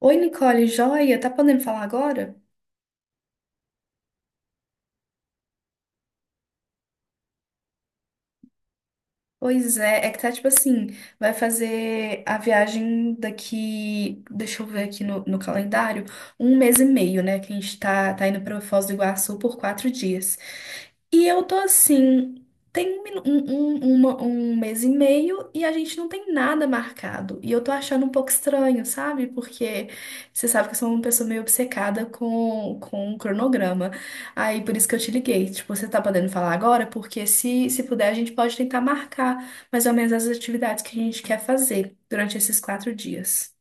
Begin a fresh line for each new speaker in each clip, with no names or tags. Oi, Nicole, joia? Tá podendo falar agora? Pois é, é que tá tipo assim, vai fazer a viagem daqui, deixa eu ver aqui no calendário, um mês e meio, né? Que a gente tá indo pra Foz do Iguaçu por 4 dias. E eu tô assim, tem um, um mês e meio e a gente não tem nada marcado. E eu tô achando um pouco estranho, sabe? Porque você sabe que eu sou uma pessoa meio obcecada com o cronograma. Aí por isso que eu te liguei. Tipo, você tá podendo falar agora? Porque se puder, a gente pode tentar marcar mais ou menos as atividades que a gente quer fazer durante esses 4 dias.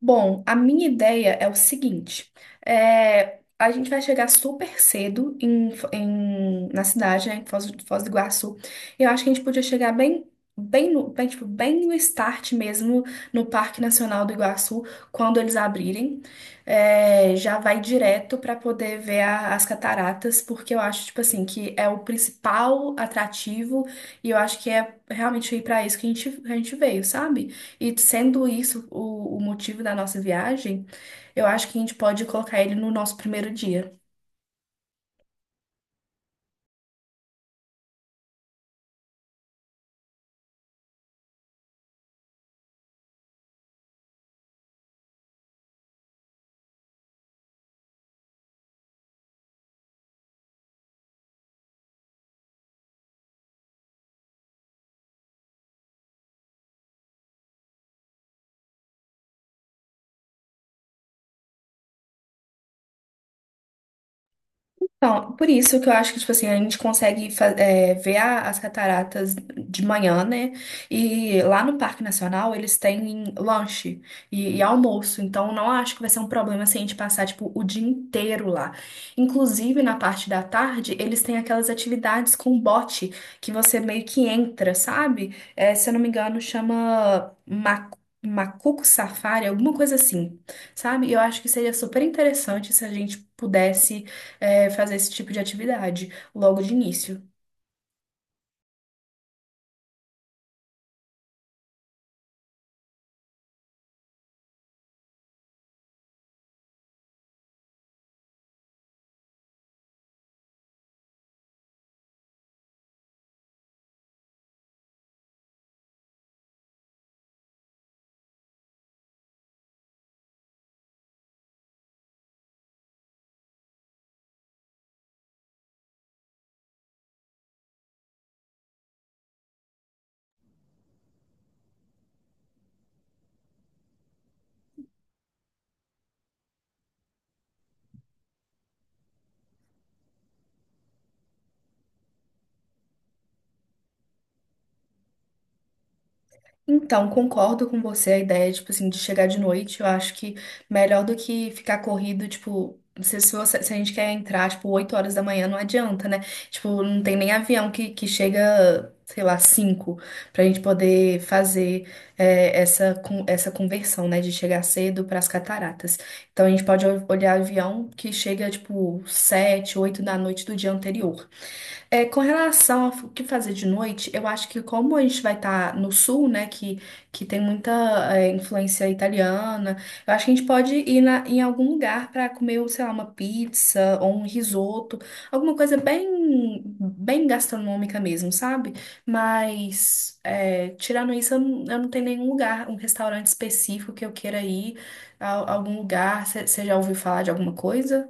Bom, a minha ideia é o seguinte: a gente vai chegar super cedo em, na cidade, né, em Foz, Foz do Iguaçu. Eu acho que a gente podia chegar bem, bem no start mesmo, no Parque Nacional do Iguaçu, quando eles abrirem. É, já vai direto para poder ver as cataratas, porque eu acho, tipo assim, que é o principal atrativo e eu acho que é realmente ir para isso que a gente veio, sabe? E sendo isso o motivo da nossa viagem, eu acho que a gente pode colocar ele no nosso primeiro dia. Então, por isso que eu acho que, tipo assim, a gente consegue ver as cataratas de manhã, né? E lá no Parque Nacional eles têm lanche e almoço. Então, não acho que vai ser um problema se a gente passar, tipo, o dia inteiro lá. Inclusive, na parte da tarde, eles têm aquelas atividades com bote que você meio que entra, sabe? É, se eu não me engano, chama Macuco Safari, alguma coisa assim, sabe? E eu acho que seria super interessante se a gente pudesse fazer esse tipo de atividade logo de início. Então, concordo com você a ideia, tipo assim, de chegar de noite. Eu acho que melhor do que ficar corrido, tipo, se a gente quer entrar, tipo, 8 horas da manhã, não adianta, né? Tipo, não tem nem avião que chega, sei lá, 5, pra gente poder fazer essa conversão, né? De chegar cedo pras cataratas. Então, a gente pode olhar avião que chega, tipo, 7 8 da noite do dia anterior. É, com relação ao que fazer de noite, eu acho que como a gente vai estar no sul, né, que tem muita influência italiana, eu acho que a gente pode ir em algum lugar para comer, sei lá, uma pizza ou um risoto, alguma coisa bem, bem gastronômica mesmo, sabe? Mas é, tirando isso, eu não tenho nenhum lugar, um restaurante específico que eu queira ir, algum lugar. Você já ouviu falar de alguma coisa?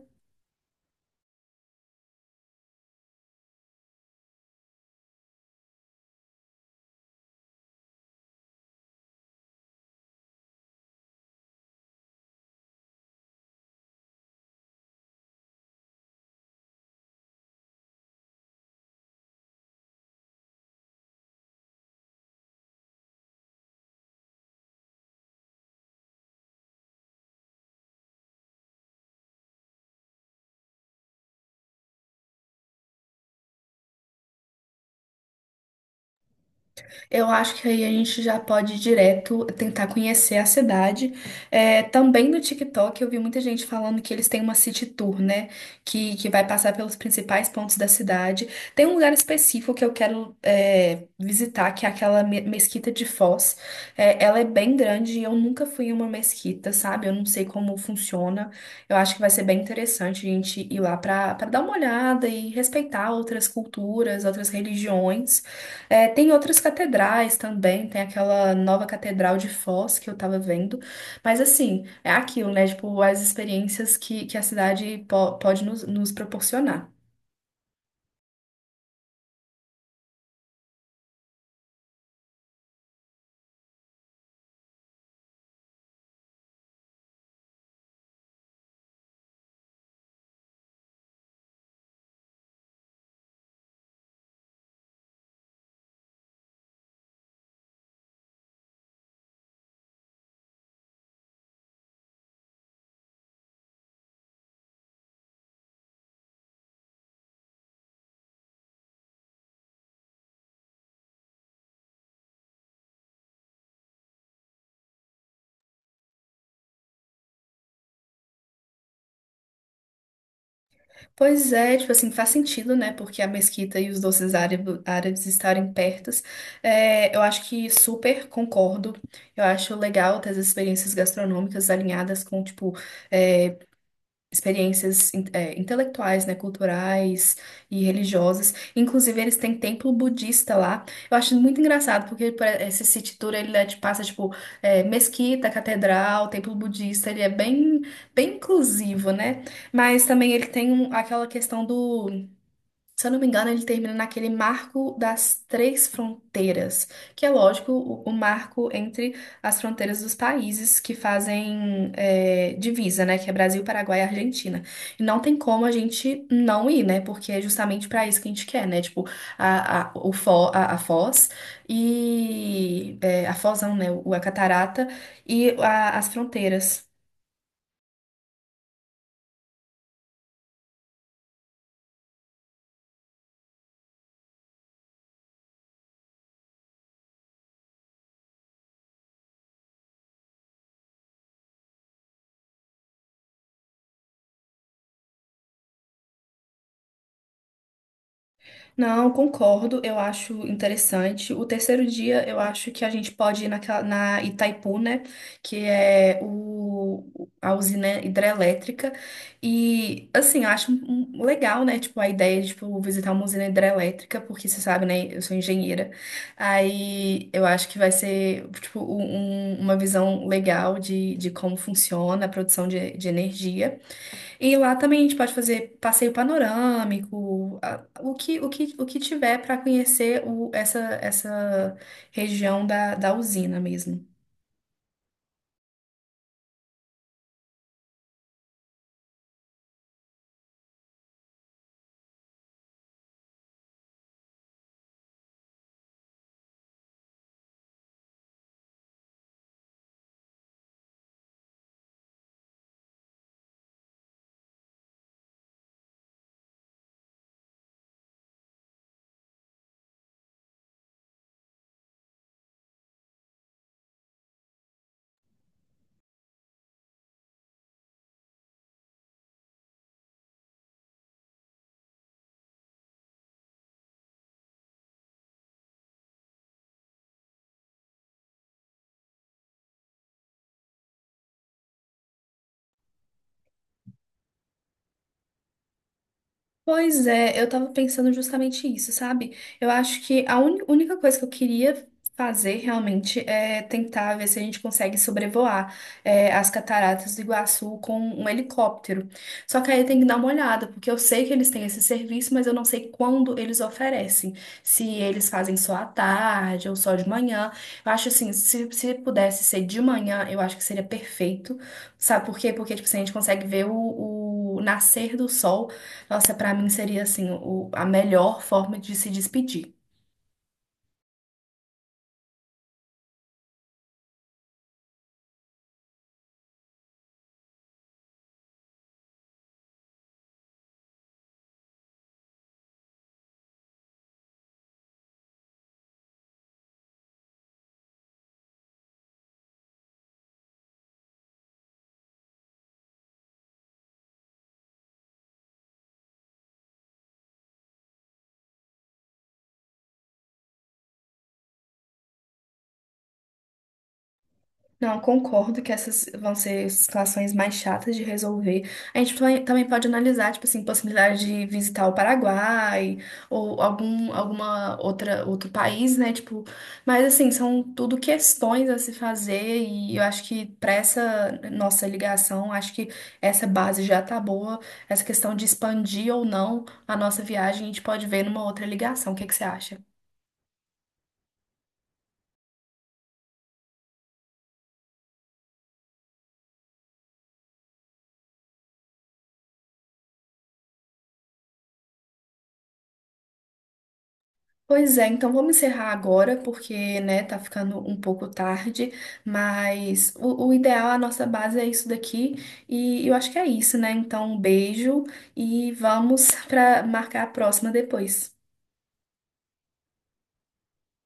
Eu acho que aí a gente já pode ir direto tentar conhecer a cidade. É, também no TikTok eu vi muita gente falando que eles têm uma city tour, né? Que vai passar pelos principais pontos da cidade. Tem um lugar específico que eu quero visitar, que é aquela mesquita de Foz. É, ela é bem grande e eu nunca fui em uma mesquita, sabe? Eu não sei como funciona. Eu acho que vai ser bem interessante a gente ir lá para dar uma olhada e respeitar outras culturas, outras religiões. É, tem outras catedrais também, tem aquela nova catedral de Foz que eu tava vendo, mas assim, é aquilo, né? Tipo, as experiências que a cidade pode nos proporcionar. Pois é, tipo assim, faz sentido, né? Porque a mesquita e os doces árabes estarem pertos. É, eu acho que super concordo. Eu acho legal ter as experiências gastronômicas alinhadas com, tipo, é, experiências intelectuais, né, culturais e religiosas. Inclusive, eles têm templo budista lá. Eu acho muito engraçado, porque por esse city tour, ele né, te passa, tipo, mesquita, catedral, templo budista, ele é bem, bem inclusivo, né? Mas também ele tem aquela questão do se eu não me engano, ele termina naquele marco das 3 fronteiras, que é lógico o marco entre as fronteiras dos países que fazem divisa, né? Que é Brasil, Paraguai e Argentina. E não tem como a gente não ir, né? Porque é justamente para isso que a gente quer, né? Tipo, a Foz e é, a Foz, não, né? O, a Catarata e as fronteiras. Não, concordo, eu acho interessante. O terceiro dia, eu acho que a gente pode ir naquela, na Itaipu, né? Que é a usina hidrelétrica. E, assim, eu acho legal, né? Tipo, a ideia de, tipo, visitar uma usina hidrelétrica, porque você sabe, né? Eu sou engenheira. Aí, eu acho que vai ser, tipo, uma visão legal de como funciona a produção de energia. E lá também a gente pode fazer passeio panorâmico, o que tiver para conhecer essa região da usina mesmo. Pois é, eu tava pensando justamente isso, sabe? Eu acho que a única coisa que eu queria fazer realmente é tentar ver se a gente consegue sobrevoar as cataratas do Iguaçu com um helicóptero. Só que aí tem que dar uma olhada, porque eu sei que eles têm esse serviço, mas eu não sei quando eles oferecem. Se eles fazem só à tarde ou só de manhã. Eu acho assim, se pudesse ser de manhã, eu acho que seria perfeito. Sabe por quê? Porque, tipo, assim, a gente consegue ver o nascer do sol. Nossa, pra mim seria assim, a melhor forma de se despedir. Não, concordo que essas vão ser situações mais chatas de resolver. A gente também pode analisar, tipo assim, possibilidade de visitar o Paraguai ou alguma outra outro país, né? Tipo, mas assim, são tudo questões a se fazer e eu acho que para essa nossa ligação, acho que essa base já tá boa. Essa questão de expandir ou não a nossa viagem, a gente pode ver numa outra ligação. O que que você acha? Pois é, então vamos encerrar agora, porque, né, tá ficando um pouco tarde, mas o ideal, a nossa base é isso daqui, e eu acho que é isso, né? Então, um beijo e vamos para marcar a próxima depois.